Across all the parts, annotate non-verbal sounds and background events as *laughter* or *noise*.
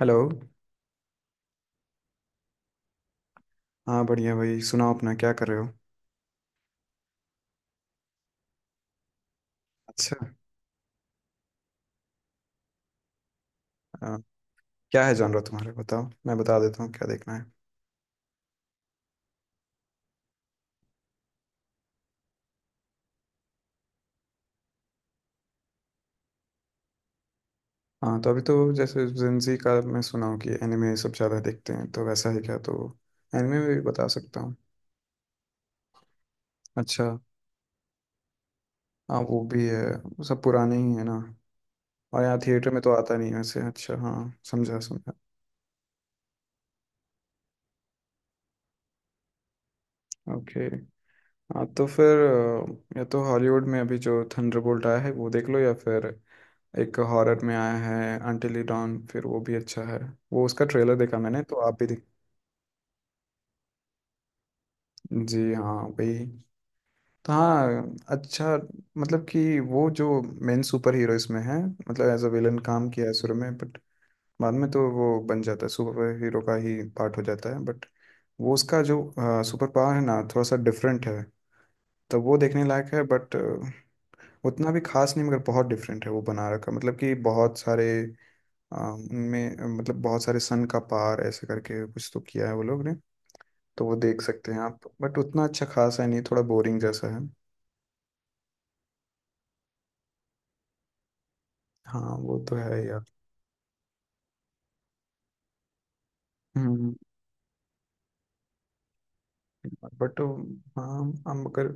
Hello. हाँ बढ़िया। भाई सुनाओ, अपना क्या कर रहे हो? अच्छा। आ, क्या है जॉनर तुम्हारा? बताओ, मैं बता देता हूँ क्या देखना है। हाँ, तो अभी तो जैसे जेंजी का मैं सुना हूँ कि एनिमे सब ज़्यादा देखते हैं, तो वैसा ही क्या, तो एनिमे में भी बता सकता हूँ। अच्छा। हाँ, वो भी है। वो सब पुराने ही है ना, और यहाँ थिएटर में तो आता नहीं है वैसे। अच्छा, हाँ। समझा समझा। ओके। हाँ, तो फिर या तो हॉलीवुड में अभी जो थंडरबोल्ट आया है वो देख लो, या फिर एक हॉरर में आया है अंटिल यू डॉन, फिर वो भी अच्छा है। वो उसका ट्रेलर देखा मैंने, तो आप भी देख। जी हाँ, वही। तो हाँ। अच्छा। मतलब कि वो जो मेन सुपर हीरो इसमें है, मतलब एज अ विलन काम किया है शुरू में, बट बाद में तो वो बन जाता है, सुपर हीरो का ही पार्ट हो जाता है। बट वो उसका जो सुपर पावर है ना, थोड़ा सा डिफरेंट है। तो वो देखने लायक है, बट उतना भी खास नहीं। मगर बहुत डिफरेंट है वो बना रखा, मतलब कि बहुत सारे उनमें मतलब बहुत सारे सन का पार ऐसे करके कुछ तो किया है वो लोग ने। तो वो देख सकते हैं आप, बट उतना अच्छा खास है नहीं, थोड़ा बोरिंग जैसा है। हाँ, वो तो है यार। हम्म। बट हाँ, हम अगर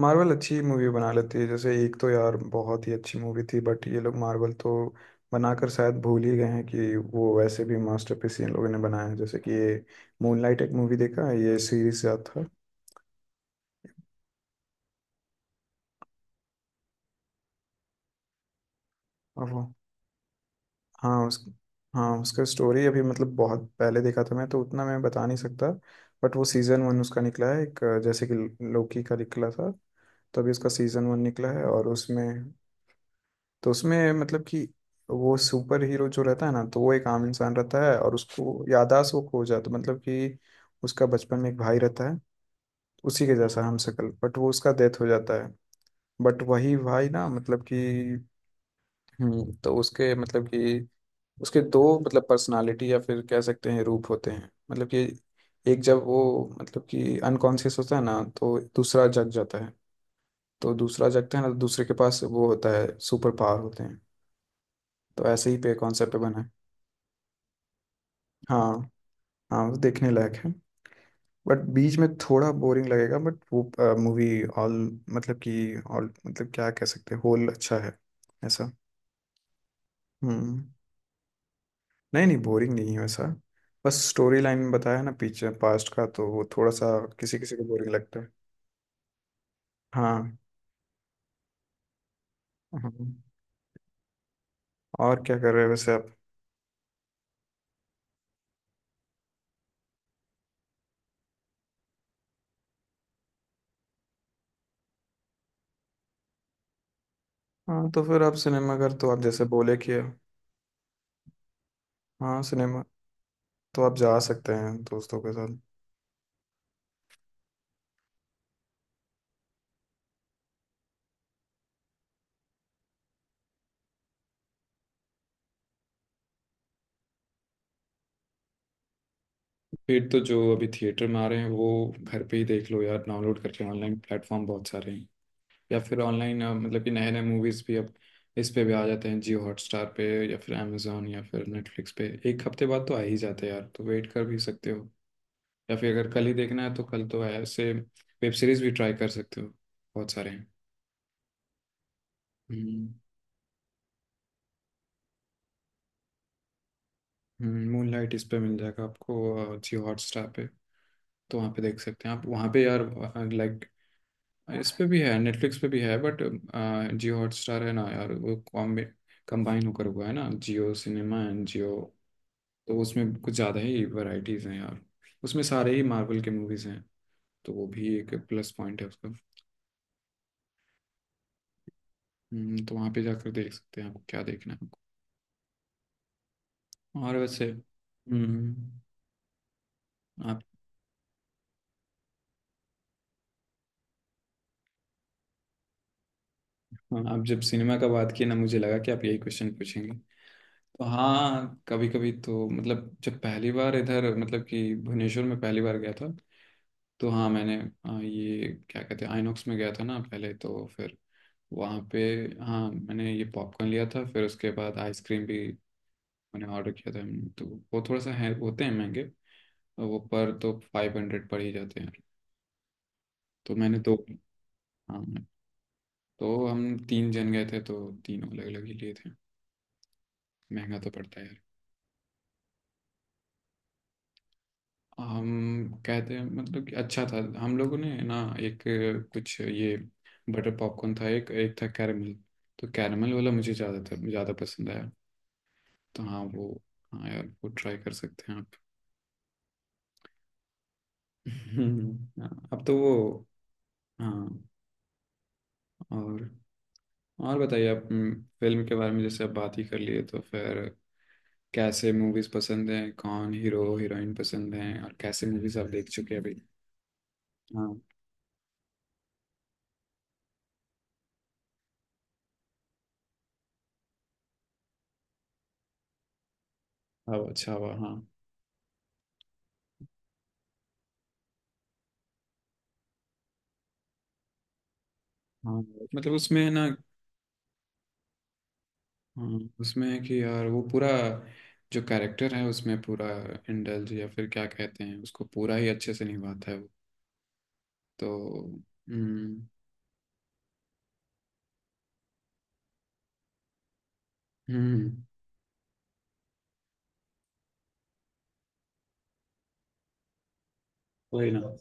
मार्वल अच्छी मूवी बना लेती है, जैसे एक तो यार बहुत ही अच्छी मूवी थी। बट ये लोग मार्वल तो बनाकर शायद भूल ही गए हैं कि वो वैसे भी मास्टरपीस इन लोगों ने बनाया है, जैसे कि ये मूनलाइट एक मूवी देखा है, ये सीरीज याद था। अब वो हाँ, उस हाँ, उसका स्टोरी अभी मतलब बहुत पहले देखा था मैं, तो उतना मैं बता नहीं सकता। बट वो सीज़न वन उसका निकला है एक, जैसे कि लोकी का निकला था। तो अभी उसका सीज़न वन निकला है, और उसमें मतलब कि वो सुपर हीरो जो रहता है ना, तो वो एक आम इंसान रहता है, और उसको याददाश्त वो खो जाता, मतलब कि उसका बचपन में एक भाई रहता है, उसी के जैसा हमशक्ल, बट वो उसका डेथ हो जाता है। बट वही भाई ना, मतलब कि, तो उसके, मतलब कि उसके दो, मतलब पर्सनालिटी या फिर कह सकते हैं रूप होते हैं, मतलब कि एक जब वो, मतलब कि अनकॉन्शियस होता है ना, तो दूसरा जग जाता है। तो दूसरा जगता है ना, तो दूसरे के पास वो होता है, सुपर पावर होते हैं। तो ऐसे ही पे कॉन्सेप्ट पे बना है। हाँ, हाँ, वो देखने लायक है। बट बीच में थोड़ा बोरिंग लगेगा, बट वो मूवी ऑल, मतलब कि ऑल, मतलब क्या कह सकते हैं, होल अच्छा है ऐसा। हम्म, नहीं, नहीं, बोरिंग नहीं है वैसा। बस स्टोरी लाइन बताया ना, पीछे पास्ट का, तो वो थोड़ा सा किसी किसी को बोरिंग लगता है। हाँ, हाँ। और क्या कर रहे हो वैसे आप? हाँ, तो फिर आप सिनेमा घर, तो आप जैसे बोले कि, हाँ सिनेमा, तो आप जा सकते हैं दोस्तों के साथ। फिर तो जो अभी थिएटर में आ रहे हैं, वो घर पे ही देख लो यार, डाउनलोड करके। ऑनलाइन प्लेटफॉर्म बहुत सारे हैं। या फिर ऑनलाइन, मतलब कि नए नए मूवीज भी अब इस पे भी आ जाते हैं, जियो हॉटस्टार पे। या फिर amazon या फिर नेटफ्लिक्स पे एक हफ्ते बाद तो आ ही जाते हैं यार, तो वेट कर भी सकते हो। या फिर अगर कल ही देखना है तो कल तो है ऐसे। वेब सीरीज भी ट्राई कर सकते हो, बहुत सारे हैं। हम्म। मूनलाइट इस पे मिल जाएगा आपको, जियो हॉटस्टार पे। तो वहाँ पे देख सकते हैं आप, वहाँ पे यार, लाइक इस पे भी है, नेटफ्लिक्स पे भी है, बट जियो हॉटस्टार है ना यार, वो कॉम्बे कंबाइन होकर हुआ है ना, जियो सिनेमा एंड जियो। तो उसमें कुछ ज़्यादा ही वैरायटीज़ हैं यार। उसमें सारे ही मार्वल के मूवीज़ हैं, तो वो भी एक प्लस पॉइंट है उसका। तो वहाँ पे जाकर देख सकते हैं आपको क्या देखना है। और वैसे हम्म, आप हाँ, आप जब सिनेमा का बात किए ना, मुझे लगा कि आप यही क्वेश्चन पूछेंगे। तो हाँ, कभी कभी तो मतलब जब पहली बार इधर, मतलब कि भुवनेश्वर में पहली बार गया था, तो हाँ मैंने, ये क्या कहते हैं, आइनॉक्स में गया था ना पहले, तो फिर वहाँ पे हाँ मैंने ये पॉपकॉर्न लिया था, फिर उसके बाद आइसक्रीम भी मैंने ऑर्डर किया था हमने, तो वो थोड़ा सा है, होते हैं महंगे। और वो पर तो 500 पड़ ही जाते हैं। तो मैंने दो, हाँ, तो हम 3 जन गए थे, तो तीनों अलग अलग ही लिए थे। महंगा तो पड़ता है यार। हम कहते हैं, मतलब कि अच्छा था, हम लोगों ने ना एक, कुछ ये बटर पॉपकॉर्न था, एक एक था कैरमल। तो कैरमल वाला मुझे ज़्यादा पसंद आया। तो हाँ वो, हाँ यार, वो ट्राई कर सकते हैं आप। *laughs* हाँ, अब तो वो। हाँ, और और बताइए आप, फिल्म के बारे में जैसे आप बात ही कर लिए, तो फिर कैसे मूवीज पसंद हैं? कौन हीरो हीरोइन पसंद हैं? और कैसे मूवीज आप देख चुके हैं अभी? हाँ, हवा, अच्छा, हवा, हाँ, हाँ। मतलब उसमें है ना। हाँ, उसमें है कि यार वो पूरा, जो कैरेक्टर है उसमें पूरा इंडल्ज, या फिर क्या कहते हैं उसको, पूरा ही अच्छे से निभाता है वो। तो हम्म, हम्म, वही ना,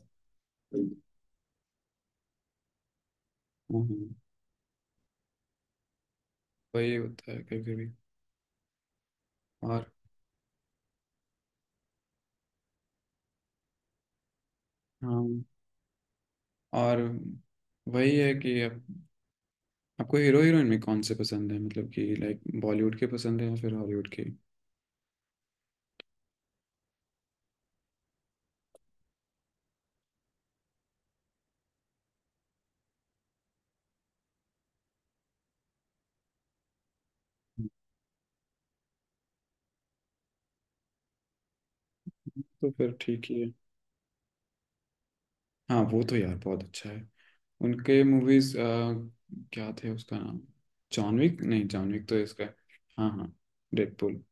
हम्म, वही होता है कभी कभी, और हाँ, और वही है कि आप, आपको हीरो हीरोइन में कौन से पसंद है, मतलब कि लाइक बॉलीवुड के पसंद है या फिर हॉलीवुड के? तो फिर ठीक ही है। हाँ, वो तो यार बहुत अच्छा है। उनके मूवीज क्या थे, उसका नाम? John Wick? नहीं, जॉन विक तो इसका है। हाँ, हाँ। डेडपूल।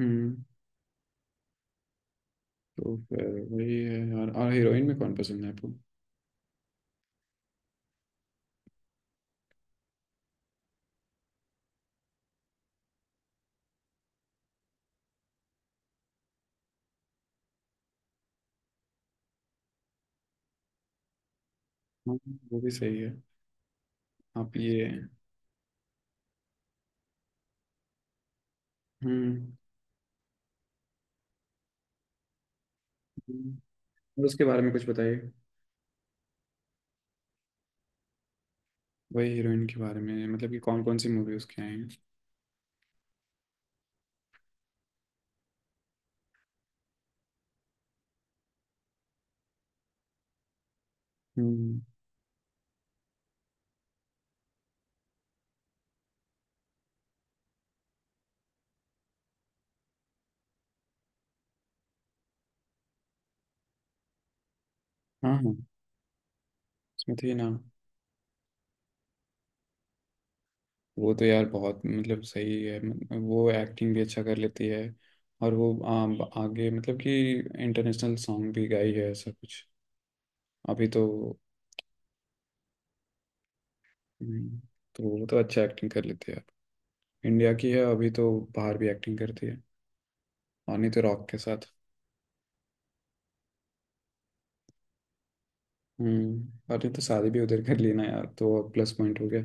हम्म। तो फिर वही है यार। और हीरोइन में कौन पसंद है आपको? हाँ, वो भी सही है। आप ये, हम्म। और उसके बारे में कुछ बताइए। वही हीरोइन के बारे में, मतलब कि कौन कौन सी मूवी उसके आई हैं। हम्म, हाँ, हाँ, उसमें थी ना। वो तो यार बहुत, मतलब सही है, मतलब वो एक्टिंग भी अच्छा कर लेती है। और वो आगे, मतलब कि इंटरनेशनल सॉन्ग भी गाई है, ऐसा कुछ अभी तो। हम्म, तो वो तो अच्छा एक्टिंग कर लेती है। इंडिया की है, अभी तो बाहर भी एक्टिंग करती है। और नहीं तो रॉक के साथ। हम्म, और नहीं तो शादी भी उधर कर लेना यार, तो प्लस पॉइंट हो गया।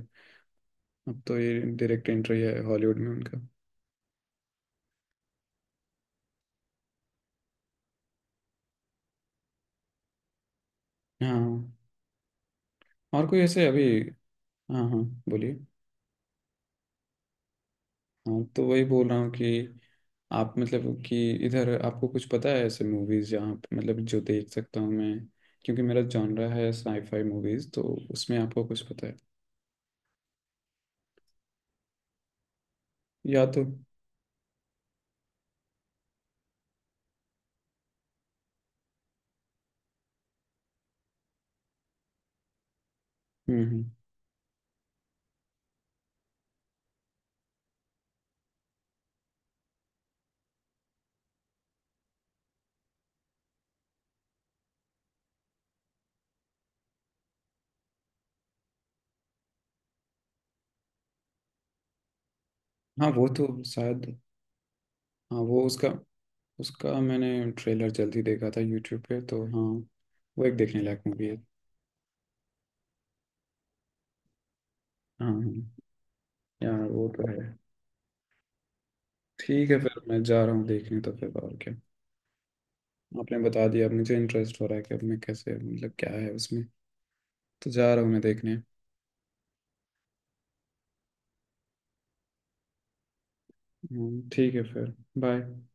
अब तो ये डायरेक्ट एंट्री है हॉलीवुड में उनका। हाँ, और कोई ऐसे अभी। हाँ, हाँ, बोलिए। हाँ, तो वही बोल रहा हूँ कि आप, मतलब कि इधर आपको कुछ पता है ऐसे मूवीज जहाँ पे, मतलब जो देख सकता हूँ मैं। क्योंकि मेरा जॉनरा है साईफाई मूवीज, तो उसमें आपको कुछ पता है? या तो हम्म, हम्म, हाँ वो तो शायद, हाँ वो उसका उसका मैंने ट्रेलर जल्दी देखा था यूट्यूब पे, तो हाँ वो एक देखने लायक मूवी है। हाँ, हाँ यार, वो तो है। ठीक है, फिर मैं जा रहा हूँ देखने, तो फिर और क्या? आपने बता दिया, अब मुझे इंटरेस्ट हो रहा है कि अब मैं कैसे, मतलब क्या है उसमें, तो जा रहा हूँ मैं देखने। ठीक है फिर। बाय।